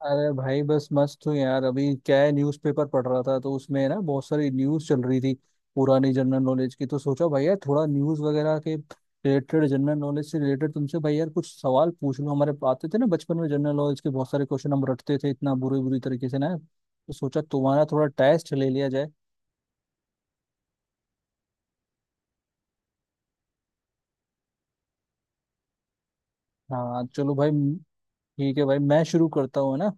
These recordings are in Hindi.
अरे भाई बस मस्त हूँ यार। अभी क्या है, न्यूज़पेपर पढ़ रहा था तो उसमें ना बहुत सारी न्यूज़ चल रही थी पुरानी जनरल नॉलेज की। तो सोचा भाई यार थोड़ा न्यूज़ वगैरह के रिलेटेड, जनरल नॉलेज से रिलेटेड तुमसे भाई यार कुछ सवाल पूछ लूँ। हमारे आते थे ना बचपन में जनरल नॉलेज के बहुत सारे क्वेश्चन, हम रटते थे इतना बुरी बुरी तरीके से ना, तो सोचा तुम्हारा थोड़ा टेस्ट ले लिया जाए। हाँ चलो भाई। ठीक है भाई मैं शुरू करता हूँ, है ना।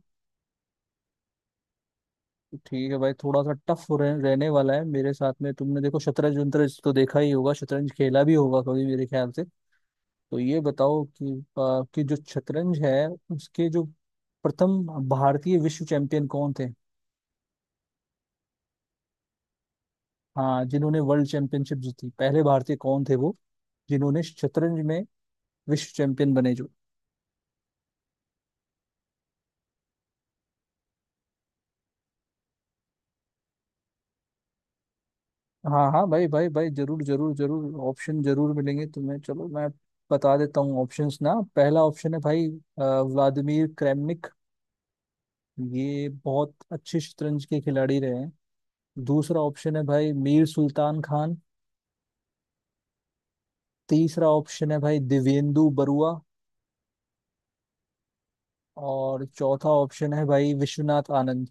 ठीक है भाई थोड़ा सा टफ रहने वाला है मेरे साथ में। तुमने देखो शतरंज वतरंज तो देखा ही होगा, शतरंज खेला भी होगा कभी मेरे ख्याल से। तो ये बताओ कि जो शतरंज है उसके जो प्रथम भारतीय विश्व चैंपियन कौन थे। हाँ जिन्होंने वर्ल्ड चैंपियनशिप जीती पहले भारतीय कौन थे वो, जिन्होंने शतरंज में विश्व चैंपियन बने जो। हाँ हाँ भाई भाई भाई जरूर जरूर जरूर, ऑप्शन जरूर मिलेंगे तुम्हें। चलो मैं बता देता हूँ ऑप्शंस ना। पहला ऑप्शन है भाई व्लादिमीर क्रेमनिक, ये बहुत अच्छे शतरंज के खिलाड़ी रहे हैं। दूसरा ऑप्शन है भाई मीर सुल्तान खान। तीसरा ऑप्शन है भाई दिवेंदु बरुआ। और चौथा ऑप्शन है भाई विश्वनाथ आनंद।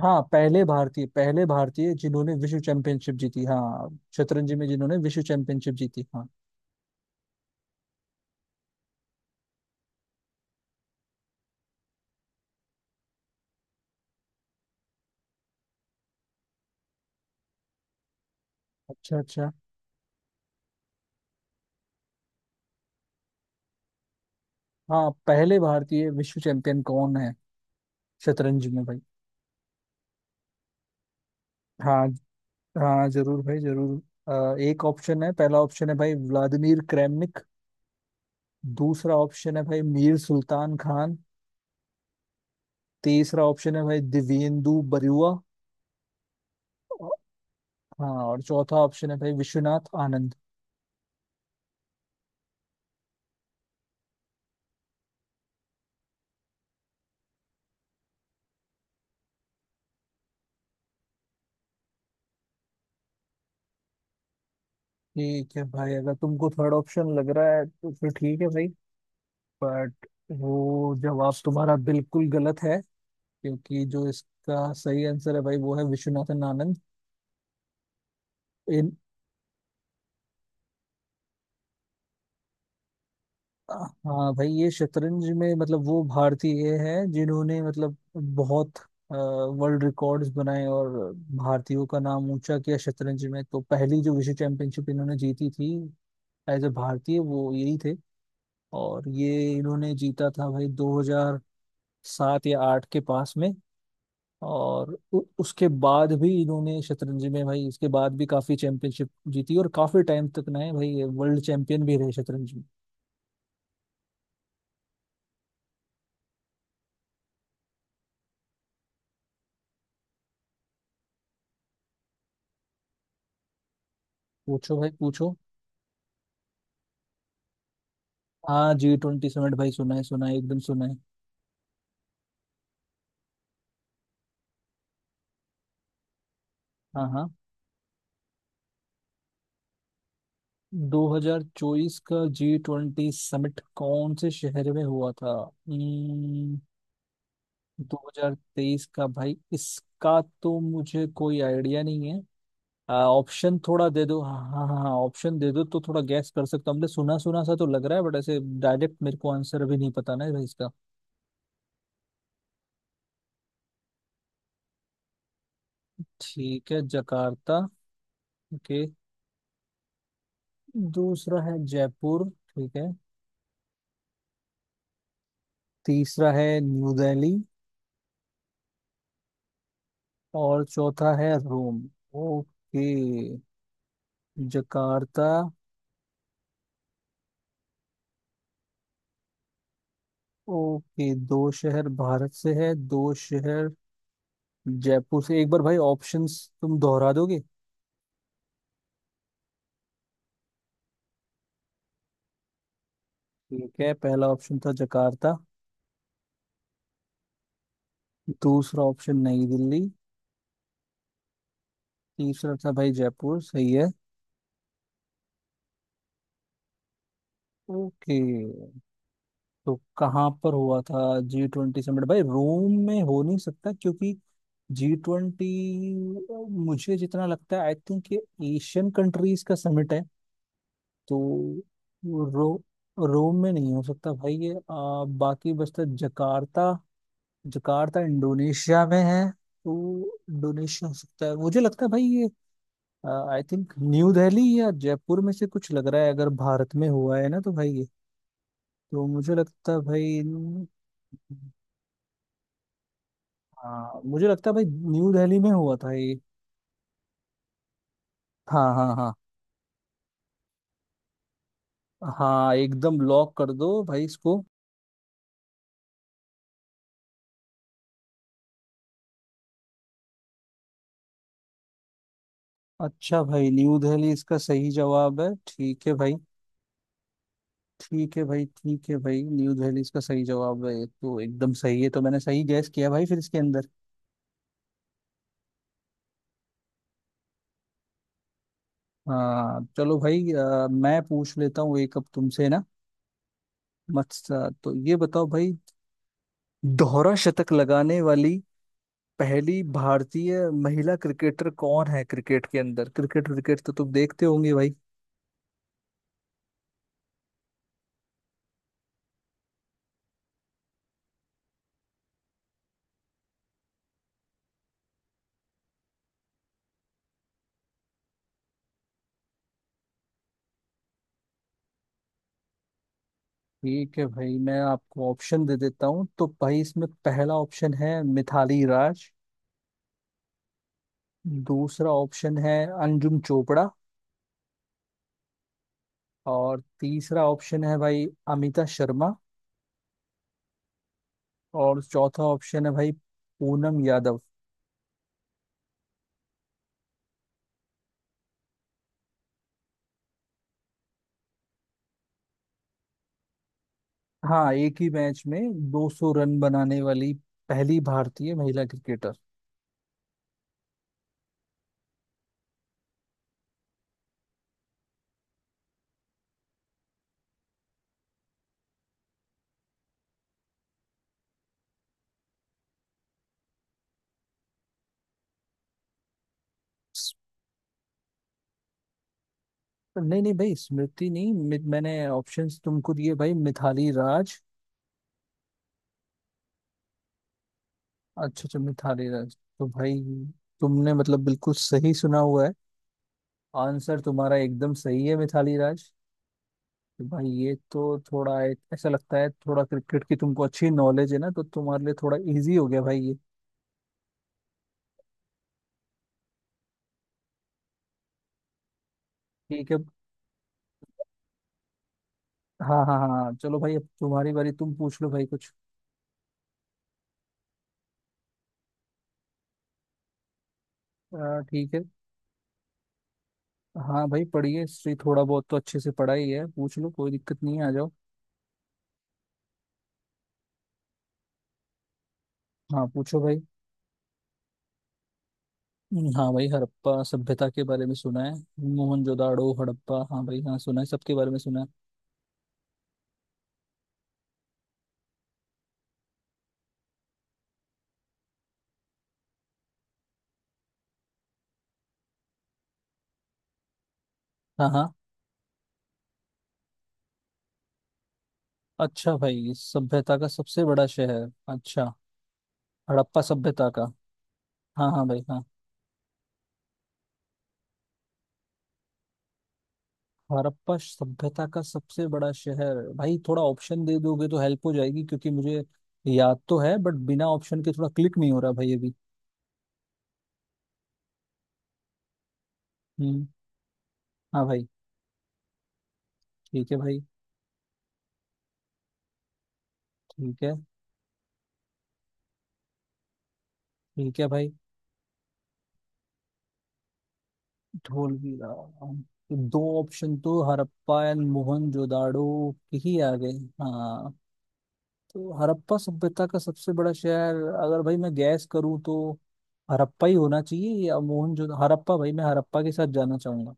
हाँ पहले भारतीय जिन्होंने विश्व चैंपियनशिप जीती, हाँ शतरंज में जिन्होंने विश्व चैंपियनशिप जीती। हाँ। अच्छा अच्छा। हाँ पहले भारतीय विश्व चैंपियन कौन है शतरंज में भाई। हाँ हाँ जरूर भाई जरूर। एक ऑप्शन है, पहला ऑप्शन है भाई व्लादिमीर क्रेमनिक। दूसरा ऑप्शन है भाई मीर सुल्तान खान। तीसरा ऑप्शन है भाई दिव्येंदु बरुआ। औ- हाँ और चौथा ऑप्शन है भाई विश्वनाथ आनंद। ठीक है भाई अगर तुमको थर्ड ऑप्शन लग रहा है तो फिर ठीक है भाई, बट वो जवाब तुम्हारा बिल्कुल गलत है क्योंकि जो इसका सही आंसर है भाई वो है विश्वनाथन आनंद। इन हाँ भाई ये शतरंज में मतलब वो भारतीय हैं जिन्होंने मतलब बहुत वर्ल्ड रिकॉर्ड्स बनाए और भारतीयों का नाम ऊंचा किया शतरंज में। तो पहली जो विश्व चैंपियनशिप इन्होंने जीती थी एज ए भारतीय वो यही थे। और ये इन्होंने जीता था भाई 2000 सात या आठ के पास में। और उसके बाद भी इन्होंने शतरंज में भाई उसके बाद भी काफी चैंपियनशिप जीती और काफी टाइम तक ना है भाई ये वर्ल्ड चैंपियन भी रहे शतरंज में। पूछो भाई पूछो। हाँ जी ट्वेंटी समिट भाई सुना है, सुना है, एकदम सुना है। हाँ हाँ। 2024 का जी ट्वेंटी समिट कौन से शहर में हुआ था? हम्म, 2023 का भाई इसका तो मुझे कोई आइडिया नहीं है। ऑप्शन थोड़ा दे दो। हाँ हाँ हाँ ऑप्शन दे दो तो थोड़ा गैस कर सकता हूँ। हमने सुना सुना सा तो लग रहा है, बट ऐसे डायरेक्ट मेरे को आंसर अभी नहीं पता ना भाई इसका। ठीक है जकार्ता। ओके। दूसरा है जयपुर, ठीक है। तीसरा है न्यू दिल्ली। और चौथा है रोम। Okay Jakarta. ओके दो शहर भारत से है, दो शहर जयपुर से। एक बार भाई ऑप्शंस तुम दोहरा दोगे? ठीक है पहला ऑप्शन था जकार्ता। दूसरा ऑप्शन नई दिल्ली। तीसरा था भाई जयपुर सही है। ओके। तो कहाँ पर हुआ था जी ट्वेंटी समिट भाई? रोम में हो नहीं सकता क्योंकि जी ट्वेंटी मुझे जितना लगता है आई थिंक ये एशियन कंट्रीज का समिट है। तो रो रोम में नहीं हो सकता भाई ये। बाकी बचता जकार्ता। जकार्ता इंडोनेशिया में है तो इंडोनेशिया हो सकता है मुझे लगता है भाई ये। आई थिंक न्यू दिल्ली या जयपुर में से कुछ लग रहा है अगर भारत में हुआ है ना तो भाई ये। तो मुझे लगता है भाई हाँ मुझे लगता है भाई न्यू दिल्ली में हुआ था ये। हाँ हाँ हाँ हाँ। एकदम लॉक कर दो भाई इसको। अच्छा भाई न्यू दिल्ली इसका सही जवाब है, ठीक है भाई। ठीक है भाई ठीक है भाई न्यू दिल्ली इसका सही जवाब है, ये तो एकदम सही है। तो मैंने सही गैस किया भाई फिर इसके अंदर। हाँ चलो भाई, मैं पूछ लेता हूँ एक अब तुमसे ना। मत तो ये बताओ भाई दोहरा शतक लगाने वाली पहली भारतीय महिला क्रिकेटर कौन है क्रिकेट के अंदर। क्रिकेट क्रिकेट तो तुम देखते होंगे भाई। ठीक है भाई मैं आपको ऑप्शन दे देता हूँ। तो भाई इसमें पहला ऑप्शन है मिथाली राज। दूसरा ऑप्शन है अंजुम चोपड़ा। और तीसरा ऑप्शन है भाई अमिता शर्मा। और चौथा ऑप्शन है भाई पूनम यादव। हाँ एक ही मैच में 200 रन बनाने वाली पहली भारतीय महिला क्रिकेटर। नहीं नहीं भाई स्मृति नहीं, मैंने ऑप्शंस तुमको दिए भाई, मिथाली राज। अच्छा अच्छा मिथाली राज तो भाई तुमने मतलब बिल्कुल सही सुना हुआ है। आंसर तुम्हारा एकदम सही है मिथाली राज। तो भाई ये तो थोड़ा ऐसा लगता है थोड़ा क्रिकेट की तुमको अच्छी नॉलेज है ना, तो तुम्हारे लिए थोड़ा इजी हो गया भाई ये। ठीक है। हाँ हाँ हाँ हाँ। चलो भाई अब तुम्हारी बारी, तुम पूछ लो भाई कुछ। ठीक है। हाँ भाई पढ़िए हिस्ट्री थोड़ा बहुत तो अच्छे से पढ़ा ही है, पूछ लो कोई दिक्कत नहीं है, आ जाओ। हाँ पूछो भाई। हाँ भाई हड़प्पा सभ्यता के बारे में सुना है। मोहनजोदाड़ो हड़प्पा हाँ भाई हाँ सुना है, सबके बारे में सुना है। हाँ हाँ। अच्छा भाई सभ्यता का सबसे बड़ा शहर, अच्छा। हड़प्पा सभ्यता का। हाँ हाँ भाई हाँ। हड़प्पा सभ्यता का सबसे बड़ा शहर भाई थोड़ा ऑप्शन दे दोगे तो हेल्प हो जाएगी, क्योंकि मुझे याद तो है बट बिना ऑप्शन के थोड़ा क्लिक नहीं हो रहा भाई अभी। हम्म। हाँ भाई। ठीक है भाई। ठीक है। ठीक है भाई। धोलवीरा। तो दो ऑप्शन तो हड़प्पा एंड मोहनजोदाड़ो के ही आ गए। हाँ। तो हड़प्पा सभ्यता का सबसे बड़ा शहर अगर भाई मैं गैस करूँ तो हड़प्पा ही होना चाहिए या मोहनजोदड़ो, हड़प्पा भाई मैं हड़प्पा के साथ जाना चाहूंगा।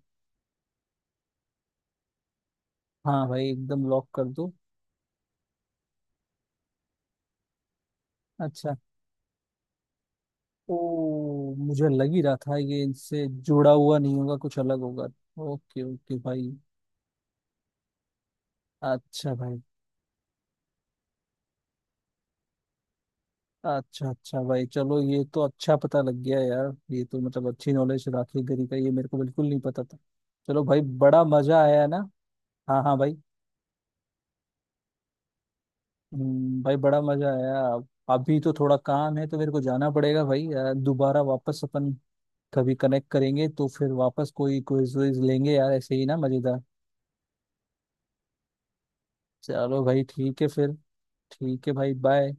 हाँ भाई एकदम लॉक कर दो। अच्छा। ओ मुझे लग ही रहा था ये इनसे जुड़ा हुआ नहीं होगा, कुछ अलग होगा। ओके ओके भाई। अच्छा भाई। अच्छा अच्छा भाई चलो ये तो अच्छा पता लग गया यार, ये तो मतलब अच्छी नॉलेज राखी गरी का ये मेरे को बिल्कुल नहीं पता था। चलो भाई बड़ा मजा आया ना। हाँ हाँ भाई। भाई बड़ा मजा आया। अभी तो थोड़ा काम है तो मेरे को जाना पड़ेगा भाई यार। दोबारा वापस अपन कभी कनेक्ट करेंगे तो फिर वापस कोई क्विज विज लेंगे यार ऐसे ही ना मजेदार। चलो भाई ठीक है फिर। ठीक है भाई बाय।